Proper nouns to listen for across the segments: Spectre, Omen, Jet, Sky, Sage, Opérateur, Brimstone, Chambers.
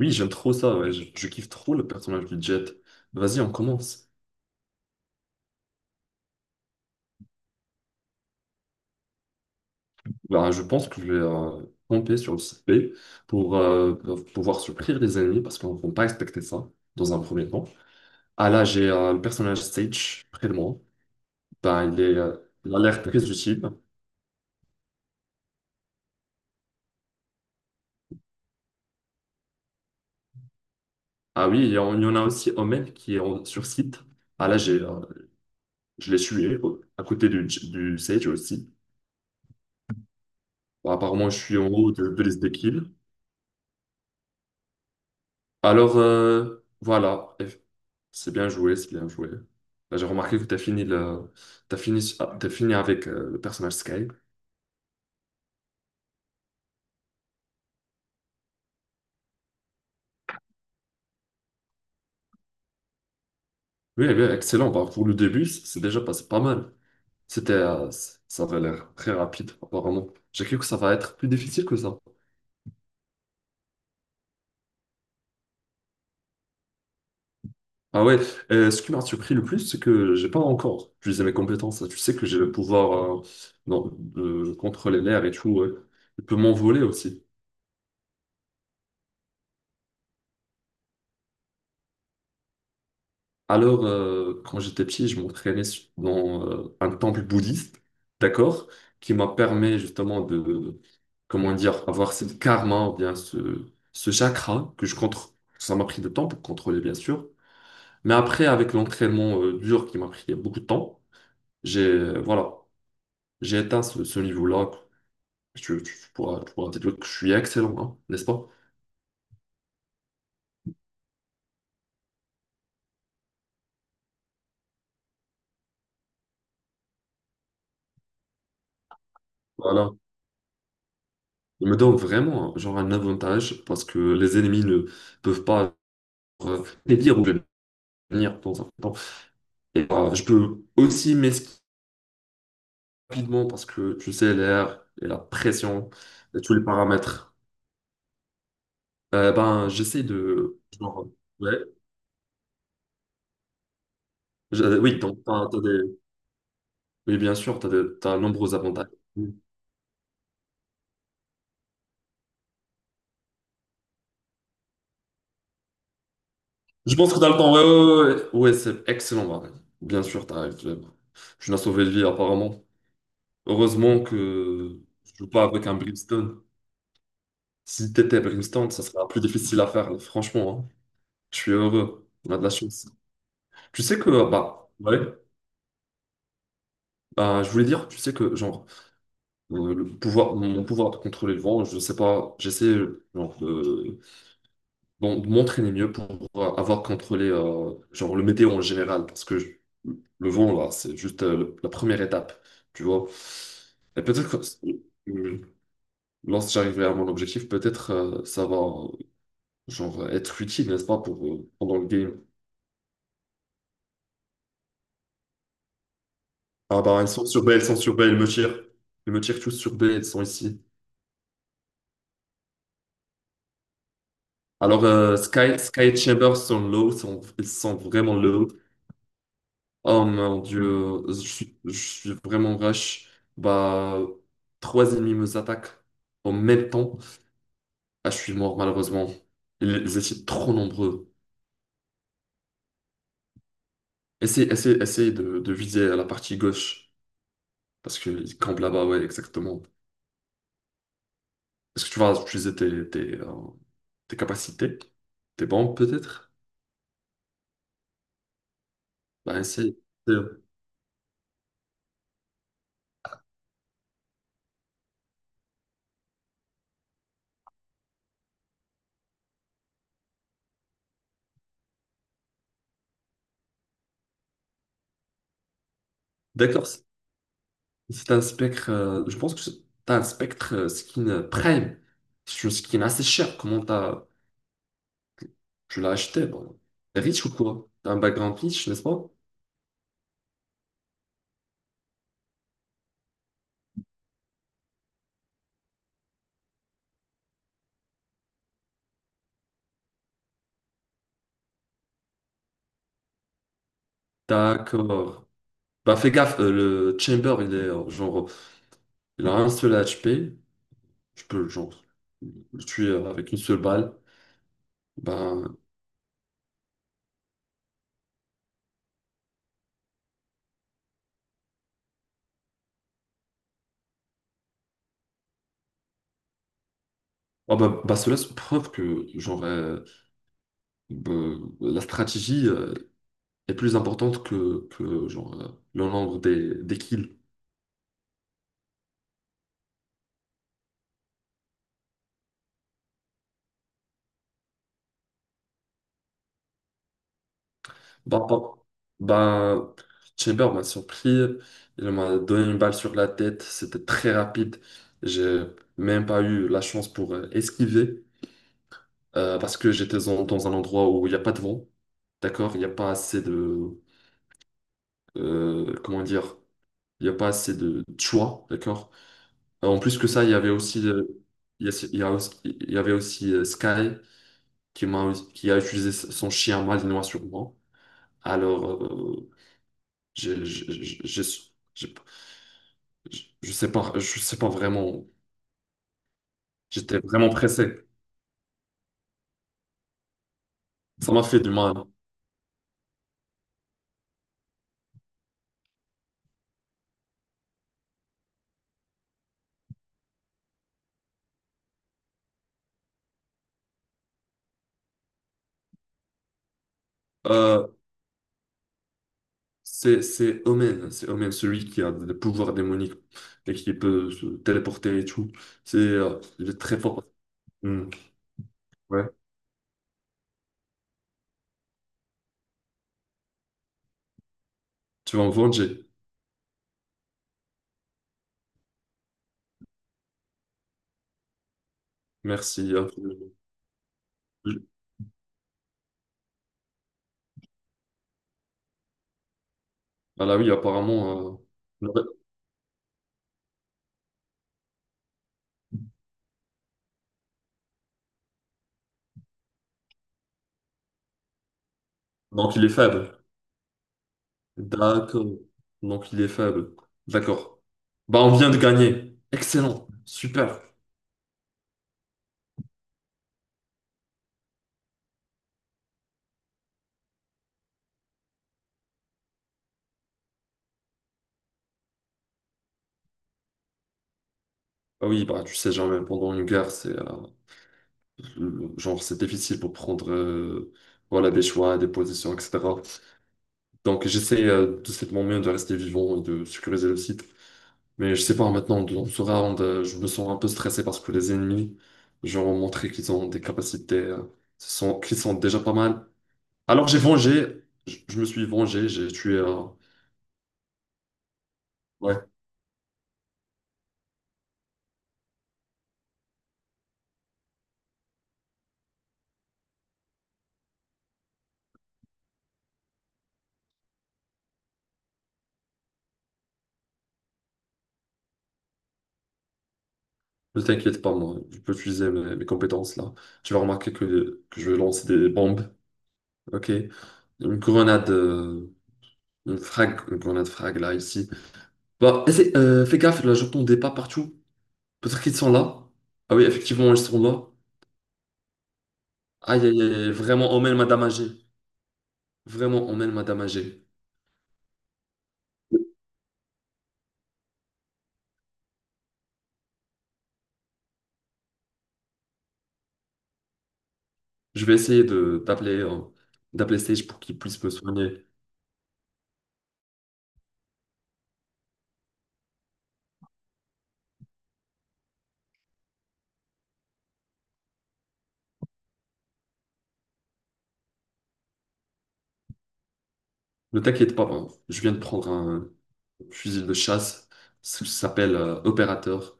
Oui, j'aime trop ça, ouais. Je kiffe trop le personnage du Jet. Vas-y, on commence. Bah, je pense que je vais camper sur le site B pour pouvoir surprendre les ennemis parce qu'on ne va pas expecter ça dans un premier temps. Ah là, j'ai le personnage Sage près de moi. Bah, il est il a l'air très utile. Ah oui, il y en a aussi Omen qui est sur site. Ah là, j'ai je l'ai tué à côté du Sage aussi. Bah, apparemment, je suis en haut de liste des kills. Alors, voilà. C'est bien joué, c'est bien joué. Là, j'ai remarqué que tu as fini t'as fini, t'as fini avec le personnage Sky. Oui, oui, excellent. Bah, pour le début, c'est déjà passé pas mal. C'était, ça avait l'air très rapide, apparemment. J'ai cru que ça va être plus difficile que ça. Ah ouais, ce qui m'a surpris le plus, c'est que j'ai pas encore utilisé mes compétences. Tu sais que j'ai le pouvoir non, de contrôler l'air et tout. Ouais. Je peux m'envoler aussi. Alors, quand j'étais petit, je dans un temple bouddhiste, d'accord, qui m'a permis justement de, comment dire, avoir cette karma, ou bien ce chakra que je contrôle. Ça m'a pris du temps pour contrôler, bien sûr. Mais après, avec l'entraînement dur qui m'a pris beaucoup de temps, voilà, j'ai atteint ce niveau-là. Tu pourras dire que je suis excellent, hein, n'est-ce pas? Voilà. Il me donne vraiment, genre, un avantage parce que les ennemis ne peuvent pas. Les dire venir dans un temps. Et, je peux aussi m'esquiver rapidement parce que tu sais, l'air et la pression et tous les paramètres. Ben, j'essaie de. Genre, ouais, oui, donc, oui, bien sûr, t'as de nombreux avantages. Je pense que t'as le temps. Ouais, ouais, ouais, ouais. Ouais, c'est excellent, Marie. Bien sûr, t'as raison. Tu n'as sauvé de vie, apparemment. Heureusement que je joue pas avec un Brimstone. Si t'étais Brimstone, ça serait plus difficile à faire, là, franchement. Hein. Je suis heureux. On a de la chance. Tu sais que, bah, ouais, bah, je voulais dire, tu sais que, genre, le pouvoir, mon pouvoir de contrôler le vent, je sais pas, j'essaie, genre, de, bon, de m'entraîner mieux pour avoir contrôlé, genre, le météo en général, le vent, là, c'est juste la première étape, tu vois. Et peut-être que, euh, lorsque j'arriverai à mon objectif, peut-être, ça va, genre, être utile, n'est-ce pas, pour, pendant le game. Ah, bah, ils sont sur B, ils sont sur B, ils me tirent. Ils me tirent tous sur B, ils sont ici. Alors, Sky, Sky et Chambers sont sont, ils sont vraiment low. Oh mon Dieu, je suis vraiment rush. Bah, trois ennemis me attaquent en même temps. Ah, je suis mort malheureusement. Ils étaient trop nombreux. Essaye de viser à la partie gauche, parce qu'ils campent là-bas, ouais, exactement. Est-ce que tu vas utiliser tes tes capacités? Tes bombes peut-être? Bah, essaye. D'accord. C'est un spectre, je pense que c'est t'as un spectre skin prime. C'est une skin assez chère. Comment t'as, tu l'as acheté? Bon. T'es riche ou quoi? T'as un background riche, n'est-ce pas? D'accord. Bah fais gaffe, le chamber, il est genre, il a un seul HP. Tu peux genre le tuer avec une seule balle. Bah, oh, bah, cela c'est preuve que genre bah, la stratégie est plus importante que genre le nombre des kills. Bah, bah, bah, Chamber m'a surpris. Il m'a donné une balle sur la tête. C'était très rapide. J'ai même pas eu la chance pour esquiver parce que j'étais dans un endroit où il n'y a pas de vent. D'accord? Il n'y a pas assez de. Comment dire? Il n'y a pas assez de choix. D'accord? En plus que ça, il y avait aussi. Il y avait aussi Sky qui qui a utilisé son chien malinois sur moi. Alors, j'ai j'ai- j'ai- j'ai- j'ai- je sais pas vraiment. J'étais vraiment pressé. Ça m'a fait du mal. Euh, c'est Omen, celui qui a des pouvoirs démoniques et qui peut se téléporter et tout. C'est il est très fort. Hmm. Ouais, tu vas me venger. Merci. Ah là oui, apparemment. euh, Donc il est faible. D'accord. Donc il est faible. D'accord. Bah on vient de gagner. Excellent. Super. Ah oui, bah tu sais jamais, pendant une guerre, c'est genre, c'est difficile pour prendre voilà, des choix, des positions, etc. Donc, j'essaie de cette manière de rester vivant et de sécuriser le site. Mais je sais pas, maintenant, dans ce round, je me sens un peu stressé parce que les ennemis, genre, ont montré qu'ils ont des capacités ce sont, qui sont déjà pas mal. Alors, j'ai vengé, je me suis vengé, j'ai tué un. Ouais, ne t'inquiète pas, moi, je peux utiliser mes compétences là. Tu vas remarquer que je vais lancer des bombes, ok? Une grenade. Une frag, une grenade frag là, ici. Bah, fais gaffe, là, j'entends des pas partout. Peut-être qu'ils sont là. Ah oui, effectivement, ils sont là. Aïe, aïe, aïe, vraiment, emmène Madame Agé. Vraiment, emmène Madame Agé. Je vais essayer de d'appeler d'appeler Sage pour qu'il puisse me soigner. Ne t'inquiète pas, hein. Je viens de prendre un fusil de chasse. Ça s'appelle Opérateur.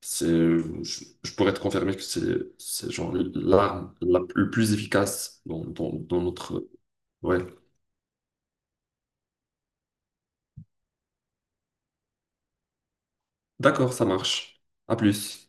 C'est, je pourrais te confirmer que c'est genre l'arme le plus efficace dans notre. Ouais. D'accord, ça marche. À plus.